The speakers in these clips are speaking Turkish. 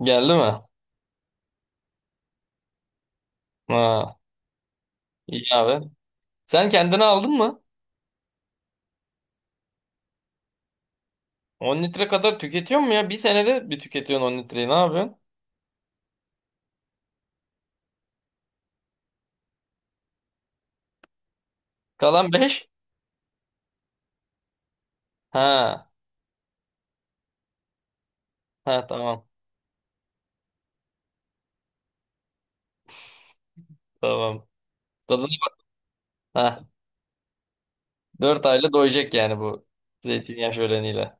Geldi mi? Ha, iyi abi. Sen kendine aldın mı? 10 litre kadar tüketiyor mu ya? Bir senede bir tüketiyorsun 10 litreyi. Ne yapıyorsun? Kalan beş. Ha. Ha, tamam. Tamam. Tadına bak. Ha. 4 ayla doyacak yani bu zeytinyağı şöleniyle.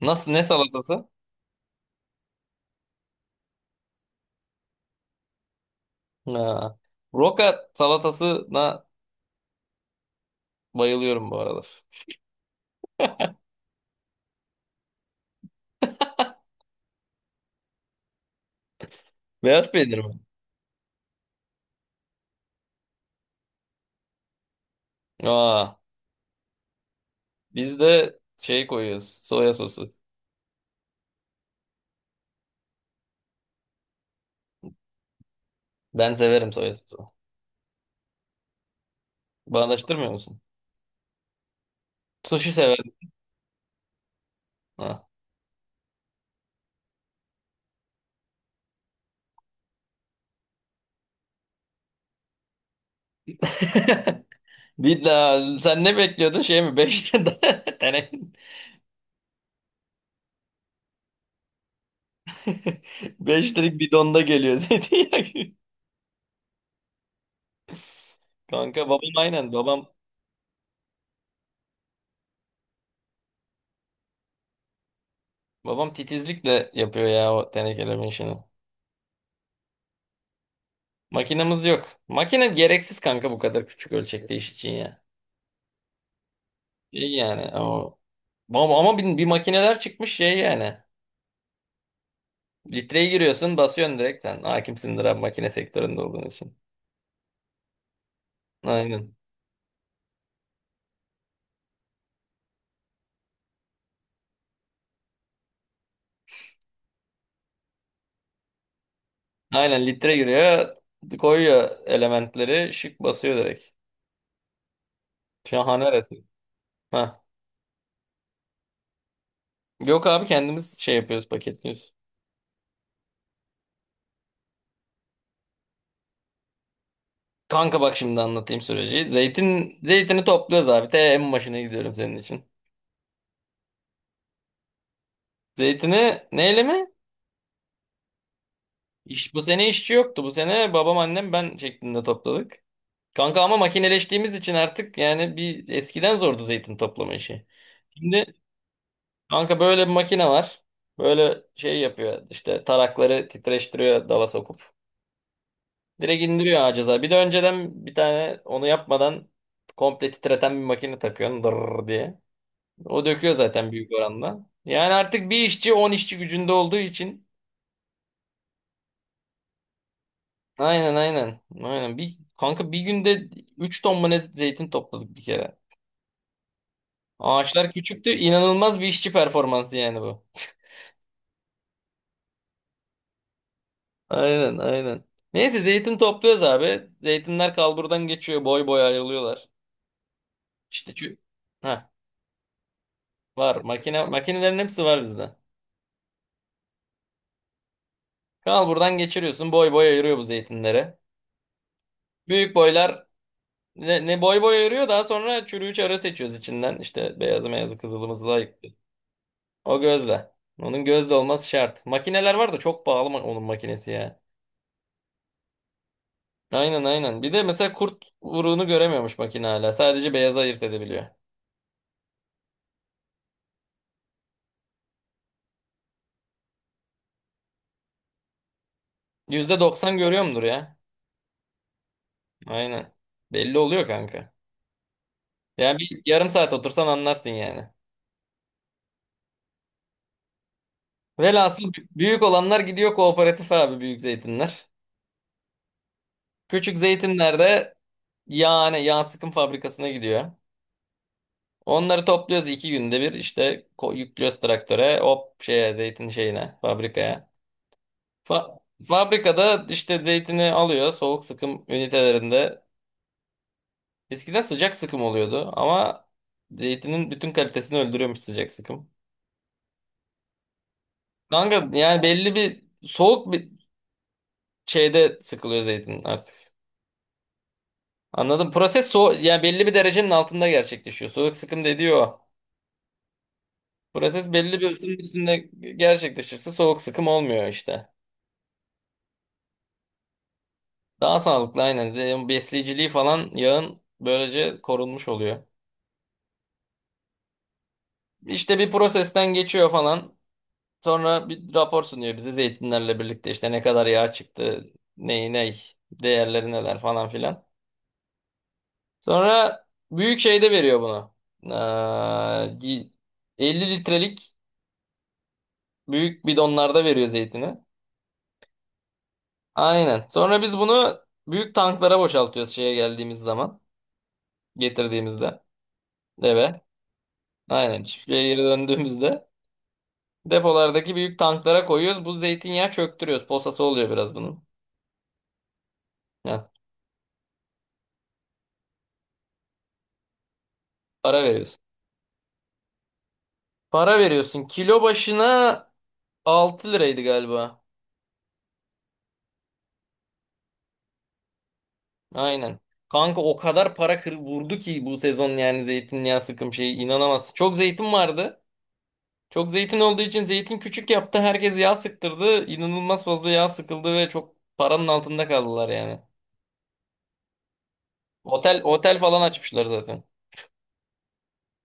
Nasıl? Ne salatası? Ha. Roka salatasına bayılıyorum bu aralar. Beyaz peynir mi? Aa. Biz de şey koyuyoruz. Soya sosu. Ben severim soya sosu. Bağdaştırmıyor musun? Sushi severim. Ha. Bir daha sen ne bekliyordun şey mi? 5 tane 5 litrelik bidonda geliyor zeytinyağı gibi. Kanka babam aynen babam titizlikle yapıyor ya o tenekelerin işini. Makinemiz yok. Makine gereksiz kanka bu kadar küçük ölçekte iş için ya. İyi yani o ama bir makineler çıkmış şey yani. Litreye giriyorsun basıyorsun direkt sen. Hakimsindir abi makine sektöründe olduğun için. Aynen. Aynen litre giriyor koyuyor elementleri şık basıyor direkt. Şahane resim. Ha. Yok abi kendimiz şey yapıyoruz paketliyoruz. Kanka bak şimdi anlatayım süreci. Zeytini topluyoruz abi. En başına gidiyorum senin için. Zeytini neyle mi? Bu sene işçi yoktu. Bu sene babam annem ben şeklinde topladık. Kanka ama makineleştiğimiz için artık yani bir eskiden zordu zeytin toplama işi. Şimdi kanka böyle bir makine var. Böyle şey yapıyor işte tarakları titreştiriyor dala sokup. Direkt indiriyor ağaca zaten. Bir de önceden bir tane onu yapmadan komple titreten bir makine takıyorsun dırr diye. O döküyor zaten büyük oranda. Yani artık bir işçi 10 işçi gücünde olduğu için. Aynen aynen. Aynen. Kanka bir günde 3 ton mu ne zeytin topladık bir kere. Ağaçlar küçüktü. İnanılmaz bir işçi performansı yani bu. Aynen aynen. Neyse zeytin topluyoruz abi. Zeytinler kalburdan geçiyor. Boy boy ayrılıyorlar. İşte şu. Heh, var. Makinelerin hepsi var bizde. Kanal buradan geçiriyorsun. Boy boy ayırıyor bu zeytinleri. Büyük boylar ne boy boy ayırıyor. Daha sonra çürüğü çarı seçiyoruz içinden. İşte beyazı meyazı kızılımızı layık. O gözle. Onun gözle olması şart. Makineler var da çok pahalı onun makinesi ya. Aynen aynen. Bir de mesela kurt vuruğunu göremiyormuş makine hala. Sadece beyazı ayırt edebiliyor. %90 görüyor mudur ya? Aynen. Belli oluyor kanka. Yani bir yarım saat otursan anlarsın yani. Velhasıl büyük olanlar gidiyor kooperatif abi büyük zeytinler. Küçük zeytinlerde yani yağ sıkım fabrikasına gidiyor. Onları topluyoruz 2 günde bir işte yüklüyoruz traktöre hop şeye zeytin şeyine fabrikaya. Fa- Fabrikada işte zeytini alıyor soğuk sıkım ünitelerinde. Eskiden sıcak sıkım oluyordu ama zeytinin bütün kalitesini öldürüyormuş sıcak sıkım. Kanka yani belli bir soğuk bir şeyde sıkılıyor zeytin artık. Anladım. Proses yani belli bir derecenin altında gerçekleşiyor. Soğuk sıkım dediği o. Proses belli bir ısının üstünde gerçekleşirse soğuk sıkım olmuyor işte. Daha sağlıklı aynen. Yani besleyiciliği falan yağın böylece korunmuş oluyor. İşte bir prosesten geçiyor falan. Sonra bir rapor sunuyor bize zeytinlerle birlikte işte ne kadar yağ çıktı, ney ney, değerleri neler falan filan. Sonra büyük şeyde veriyor bunu. Ee, y- 50 litrelik büyük bidonlarda veriyor zeytini. Aynen. Sonra biz bunu büyük tanklara boşaltıyoruz şeye geldiğimiz zaman. Getirdiğimizde eve. Aynen çiftliğe geri döndüğümüzde depolardaki büyük tanklara koyuyoruz. Bu zeytinyağı çöktürüyoruz. Posası oluyor biraz bunun. Ya, para veriyorsun. Para veriyorsun. Kilo başına 6 liraydı galiba. Aynen. Kanka o kadar para kır vurdu ki bu sezon yani zeytinyağı sıkım şeyi inanamazsın. Çok zeytin vardı. Çok zeytin olduğu için zeytin küçük yaptı. Herkes yağ sıktırdı. İnanılmaz fazla yağ sıkıldı ve çok paranın altında kaldılar yani. Otel otel falan açmışlar zaten.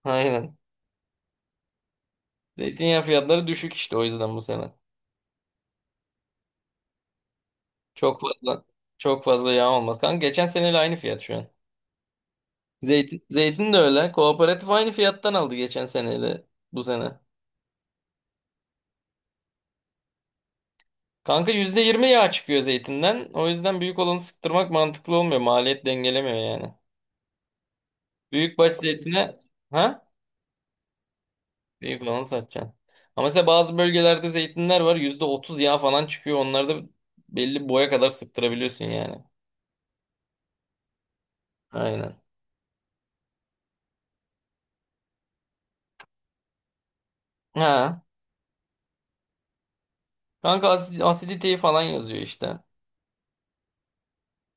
Aynen. Zeytinyağı fiyatları düşük işte o yüzden bu sene. Çok fazla çok fazla yağ olmaz. Kanka geçen seneyle aynı fiyat şu an. Zeytin de öyle. Kooperatif aynı fiyattan aldı geçen seneyle bu sene. Kanka %20 yağ çıkıyor zeytinden. O yüzden büyük olanı sıktırmak mantıklı olmuyor. Maliyet dengelemiyor yani. Büyükbaş zeytine ha? Büyük olanı satacaksın. Ama mesela bazı bölgelerde zeytinler var. %30 yağ falan çıkıyor. Onlarda belli boya kadar sıktırabiliyorsun yani. Aynen. Ha. Kanka asiditeyi falan yazıyor işte.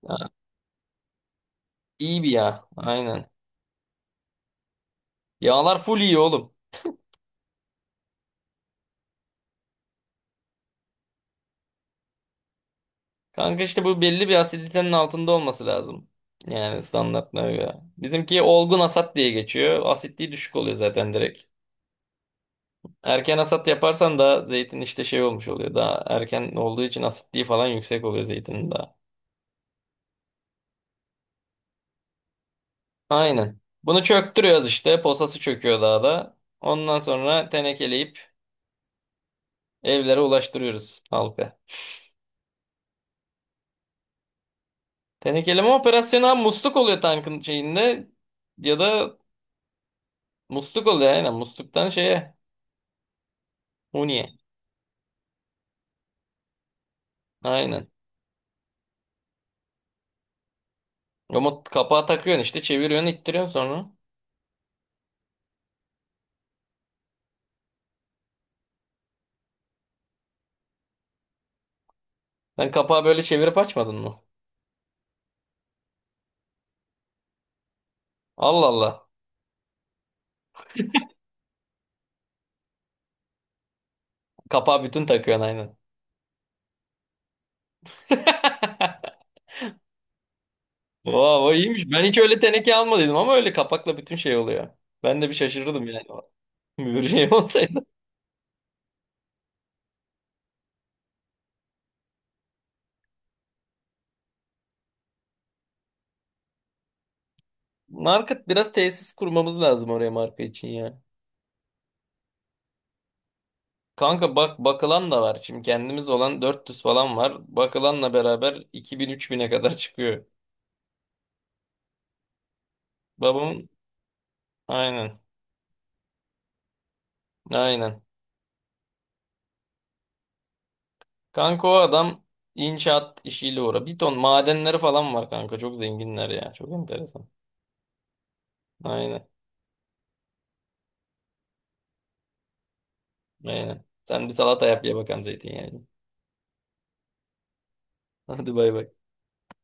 Ha, iyi bir yağ. Aynen. Yağlar full iyi oğlum. Kanka işte bu belli bir asiditenin altında olması lazım. Yani standartlara göre. Bizimki olgun asat diye geçiyor. Asitliği düşük oluyor zaten direkt. Erken asat yaparsan da zeytin işte şey olmuş oluyor. Daha erken olduğu için asitliği falan yüksek oluyor zeytinin daha. Aynen. Bunu çöktürüyoruz işte. Posası çöküyor daha da. Ondan sonra tenekeleyip evlere ulaştırıyoruz halka. Tenekeleme operasyonu ha musluk oluyor tankın şeyinde ya da musluk oluyor aynen. Musluktan şeye. Huniye. Aynen. Ama kapağı takıyorsun işte. Çeviriyorsun ittiriyorsun sonra. Sen kapağı böyle çevirip açmadın mı? Allah Allah. Kapağı bütün takıyorsun aynen. Vay vay iyiymiş. Ben hiç öyle teneke almadıydım ama öyle kapakla bütün şey oluyor. Ben de bir şaşırırdım yani. Bir şey olsaydı. Market biraz tesis kurmamız lazım oraya marka için ya. Kanka bak bakılan da var. Şimdi kendimiz olan 400 falan var. Bakılanla beraber iki bin üç bine kadar çıkıyor. Babamın aynen. Aynen. Kanka o adam inşaat işiyle uğra. Bir ton madenleri falan var kanka. Çok zenginler ya. Çok enteresan. Aynen. Aynen. Sen bir salata yap ye bakalım zeytinyağını. Hadi bay bay.